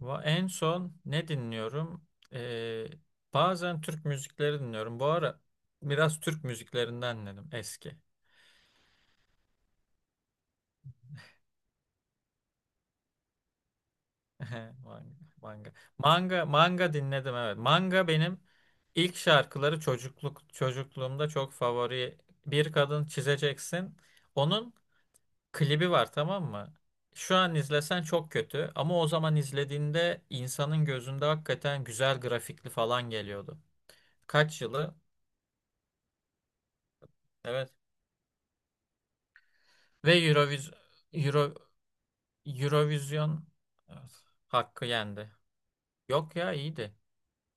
En son ne dinliyorum? Ee, Bazen Türk müzikleri dinliyorum. Bu ara biraz Türk müziklerinden dinledim eski. Manga, manga. Manga, manga dinledim evet. Manga benim ilk şarkıları çocukluğumda çok favori. Bir kadın çizeceksin. Onun klibi var tamam mı? Şu an izlesen çok kötü ama o zaman izlediğinde insanın gözünde hakikaten güzel grafikli falan geliyordu. Kaç yılı? Evet. Ve Euroviz Euro Eurovision evet, hakkı yendi. Yok ya iyiydi.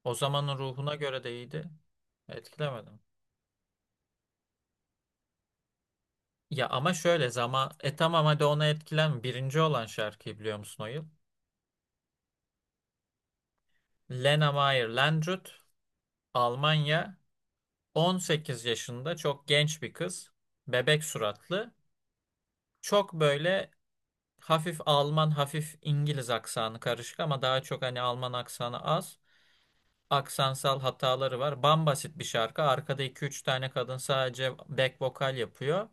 O zamanın ruhuna göre de iyiydi. Etkilemedim. Ya ama şöyle zaman tamam hadi ona etkilen birinci olan şarkıyı biliyor musun o yıl? Lena Meyer Landrut, Almanya, 18 yaşında çok genç bir kız. Bebek suratlı. Çok böyle hafif Alman hafif İngiliz aksanı karışık ama daha çok hani Alman aksanı az. Aksansal hataları var. Bambasit bir şarkı. Arkada iki üç tane kadın sadece back vokal yapıyor.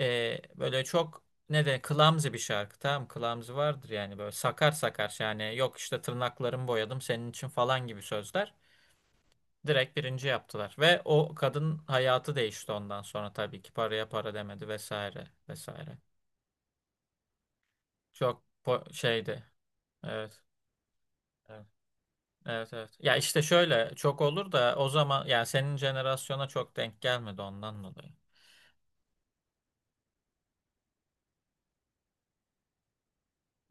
Böyle çok ne de clumsy bir şarkı. Tamam clumsy vardır yani böyle sakar sakar yani yok işte tırnaklarımı boyadım senin için falan gibi sözler. Direkt birinci yaptılar ve o kadın hayatı değişti ondan sonra tabii ki paraya para demedi vesaire vesaire. Şeydi. Evet. Evet. Evet evet. Ya işte şöyle çok olur da o zaman yani senin jenerasyona çok denk gelmedi ondan dolayı.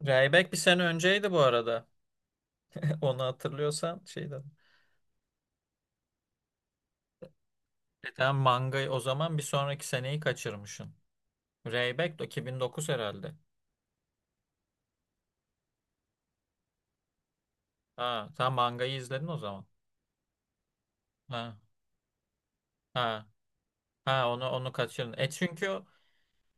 Rayback bir sene önceydi bu arada. Onu hatırlıyorsan şeyden. E tamam mangayı o zaman bir sonraki seneyi kaçırmışsın. Rayback de 2009 herhalde. Ha, sen mangayı izledin o zaman. Ha. Ha. Ha onu kaçırdın. E çünkü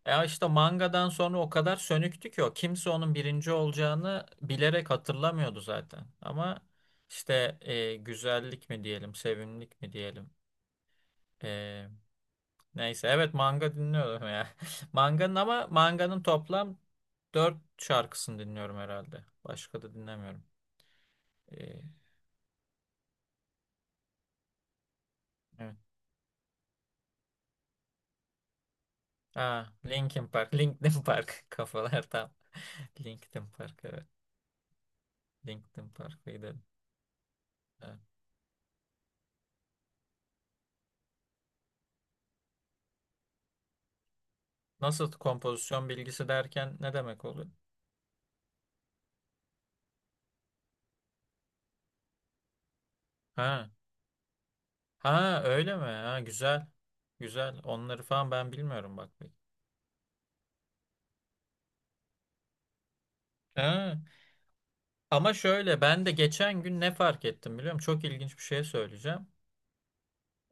ya işte mangadan sonra o kadar sönüktü ki o. Kimse onun birinci olacağını bilerek hatırlamıyordu zaten. Ama işte güzellik mi diyelim, sevimlilik mi diyelim. E, Neyse evet manga dinliyorum ya. Manganın ama manganın toplam dört şarkısını dinliyorum herhalde. Başka da dinlemiyorum. E, evet. Aa, Linkin Park, Linkin Park kafalar tam. Linkin Park evet. Linkin Park'ı. Nasıl kompozisyon bilgisi derken ne demek oluyor? Ha. Ha öyle mi? Ha güzel. Güzel. Onları falan ben bilmiyorum bak. Pek. Ha. Ama şöyle ben de geçen gün ne fark ettim biliyor musun? Çok ilginç bir şey söyleyeceğim.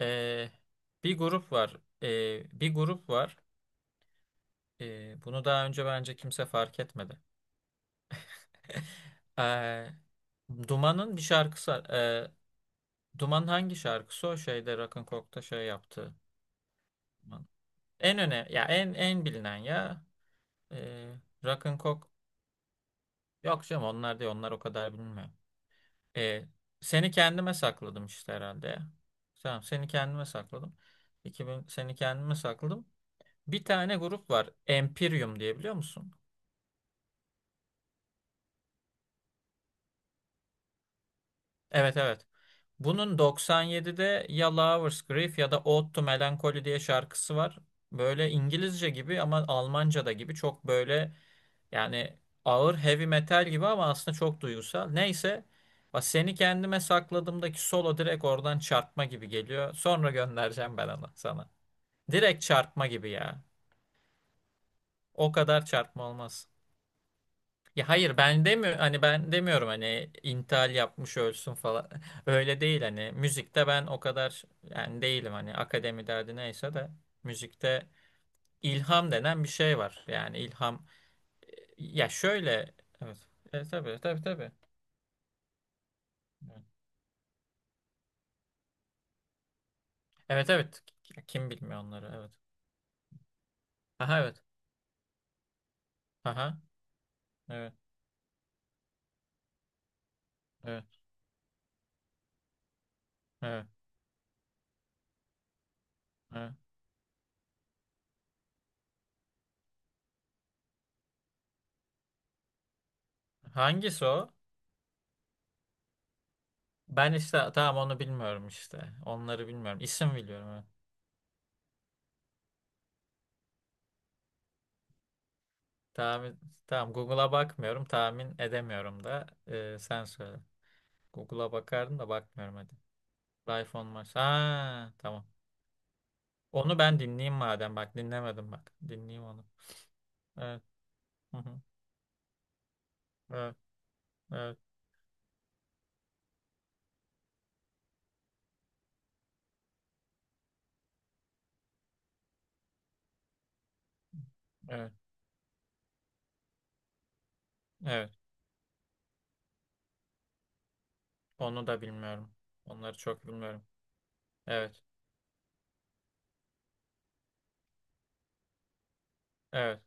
Ee, bir grup var. Bir grup var. Bunu daha önce bence kimse fark etmedi. Ee, Duman'ın bir şarkısı. Duman hangi şarkısı o şeyde Rock'n'Coke'da şey yaptı. En öne ya en en bilinen ya. Ee, Rock'n'Coke, yok canım onlar değil onlar o kadar bilmiyor. Ee, Seni kendime sakladım işte herhalde, ya. Tamam seni kendime sakladım. 2000 seni kendime sakladım. Bir tane grup var, Empyreum diye, biliyor musun? Evet evet. Bunun 97'de ya Lovers Grief ya da Ode to Melancholy diye şarkısı var. Böyle İngilizce gibi ama Almanca da gibi çok böyle yani ağır heavy metal gibi ama aslında çok duygusal. Neyse bak seni kendime sakladığımdaki solo direkt oradan çarpma gibi geliyor. Sonra göndereceğim ben onu sana. Direkt çarpma gibi ya. O kadar çarpma olmaz. Ya hayır Ben demiyorum hani intihal yapmış ölsün falan. Öyle değil hani müzikte ben o kadar yani değilim hani akademi derdi neyse de müzikte ilham denen bir şey var. Yani ilham ya şöyle evet. Evet tabii tabii tabii. Evet evet. Kim bilmiyor onları evet. Aha evet. Aha evet evet evet. Evet. Hangisi o? Ben işte tamam onu bilmiyorum işte. Onları bilmiyorum. İsim biliyorum. Evet. Tahmin, tamam Google'a bakmıyorum. Tahmin edemiyorum da. Sen söyle. Google'a bakardım da bakmıyorum hadi. Life on Mars. Ha, tamam. Onu ben dinleyeyim madem. Bak dinlemedim bak. Dinleyeyim onu. Evet. Hı hı. Evet. Evet. Evet. Evet. Onu da bilmiyorum. Onları çok bilmiyorum. Evet. Evet.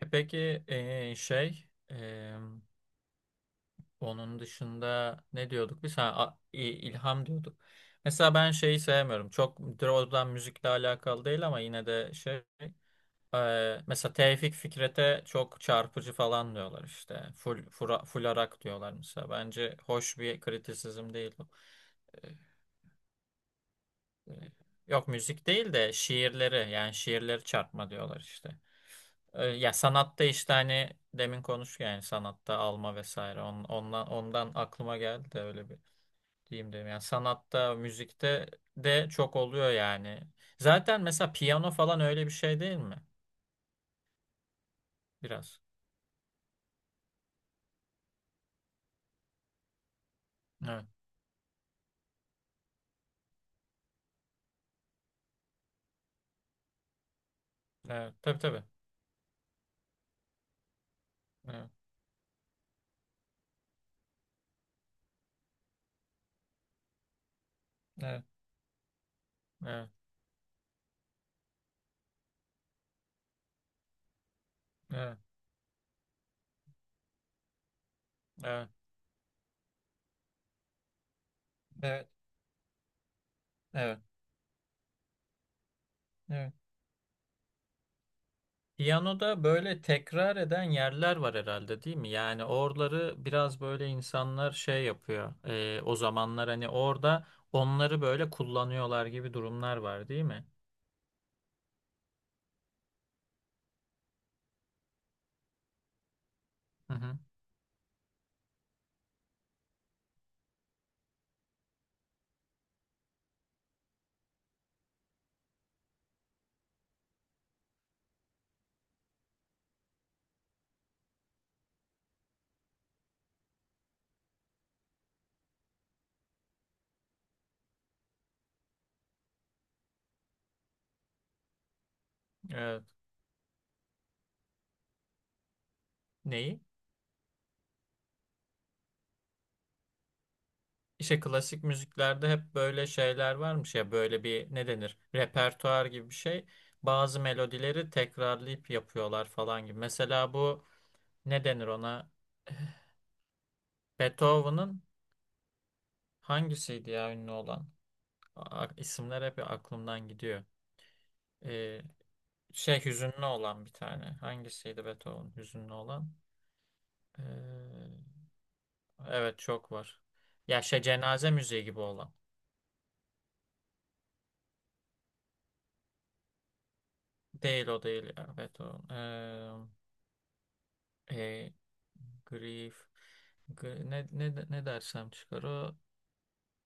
E peki ee, şey ee, Onun dışında ne diyorduk biz? Ha, ilham diyorduk. Mesela ben şeyi sevmiyorum. Çok doğrudan müzikle alakalı değil ama yine de şey. Mesela Tevfik Fikret'e çok çarpıcı falan diyorlar işte. Full arak diyorlar mesela. Bence hoş bir kritisizm değil bu. E, e, Yok müzik değil de şiirleri yani şiirleri çarpma diyorlar işte. Ya sanatta işte hani demin konuştuk yani sanatta alma vesaire. Ondan aklıma geldi de öyle bir diyeyim dedim. Yani sanatta, müzikte de çok oluyor yani. Zaten mesela piyano falan öyle bir şey değil mi? Biraz. Evet. Evet. Tabii tabii. Evet. Evet. Evet. Evet. Evet. Evet. Evet. Evet. Piyanoda böyle tekrar eden yerler var herhalde değil mi? Yani oraları biraz böyle insanlar şey yapıyor. O zamanlar hani orada onları böyle kullanıyorlar gibi durumlar var değil mi? Hı hı. Evet. Neyi? İşte klasik müziklerde hep böyle şeyler varmış ya böyle bir ne denir repertuar gibi bir şey. Bazı melodileri tekrarlayıp yapıyorlar falan gibi. Mesela bu ne denir ona? Eh, Beethoven'ın hangisiydi ya ünlü olan? İsimler hep aklımdan gidiyor. Ee, Şey hüzünlü olan bir tane. Hangisiydi Beethoven hüzünlü olan? Ee, evet çok var. Ya şey cenaze müziği gibi olan. Değil o değil ya Beethoven. E, Grief. Ne dersem çıkar o.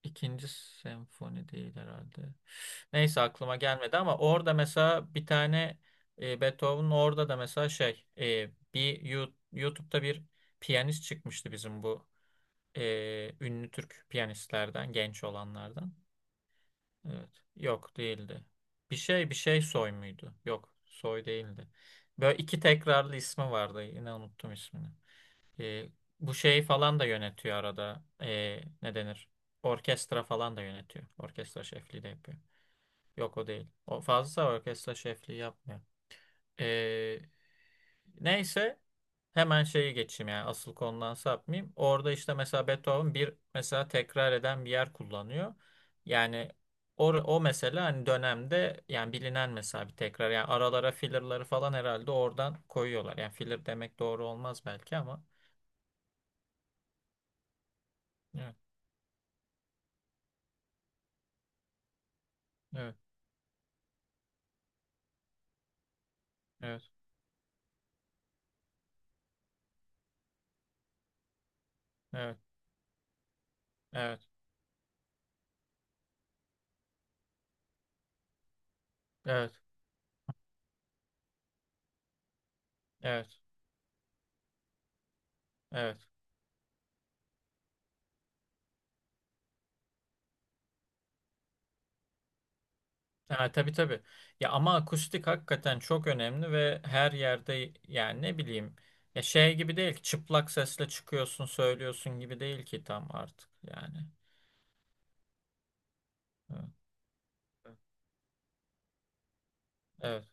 ikinci senfoni değil herhalde. Neyse aklıma gelmedi ama orada mesela bir tane Beethoven'ın orada da mesela şey bir YouTube'da bir piyanist çıkmıştı bizim bu ünlü Türk piyanistlerden genç olanlardan. Evet. Yok değildi. Bir şey bir şey soy muydu? Yok soy değildi. Böyle iki tekrarlı ismi vardı. Yine unuttum ismini. E, Bu şey falan da yönetiyor arada. E, ne denir? Orkestra falan da yönetiyor. Orkestra şefliği de yapıyor. Yok o değil. O fazla orkestra şefliği yapmıyor. E, Neyse hemen şeyi geçeyim yani asıl konudan sapmayayım. Orada işte mesela Beethoven bir mesela tekrar eden bir yer kullanıyor. Yani o, o mesela hani dönemde yani bilinen mesela bir tekrar yani aralara fillerları falan herhalde oradan koyuyorlar. Yani filler demek doğru olmaz belki ama. Evet. Evet. Evet, evet, evet, evet, evet, evet. Ha, tabii tabii. Ya ama akustik hakikaten çok önemli ve her yerde yani ne bileyim ya şey gibi değil ki çıplak sesle çıkıyorsun söylüyorsun gibi değil ki tam artık yani. Evet, evet,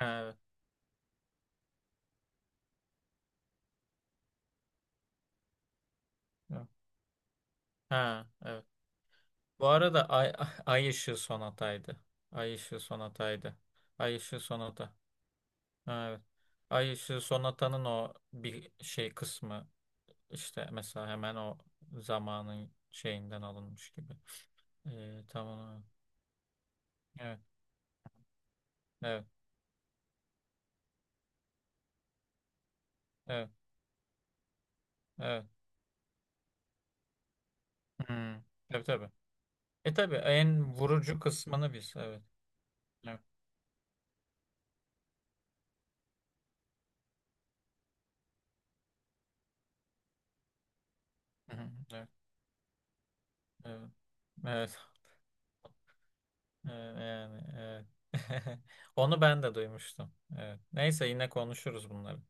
evet. Evet. Ha, evet. Bu arada Ay, Ay Işığı Sonata'ydı. Ay Işığı Sonata'ydı. Ay Işığı Sonata. Ha, evet. Ay Işığı Sonata'nın o bir şey kısmı İşte mesela hemen o zamanın şeyinden alınmış gibi. Tamam. Evet, evet, evet, evet. Hmm. Tabii tabii. E tabii en vurucu kısmını biz. Evet. Evet. Hı hı, evet. Evet. Evet. Ee, Yani evet. Onu ben de duymuştum. Evet. Neyse yine konuşuruz bunları.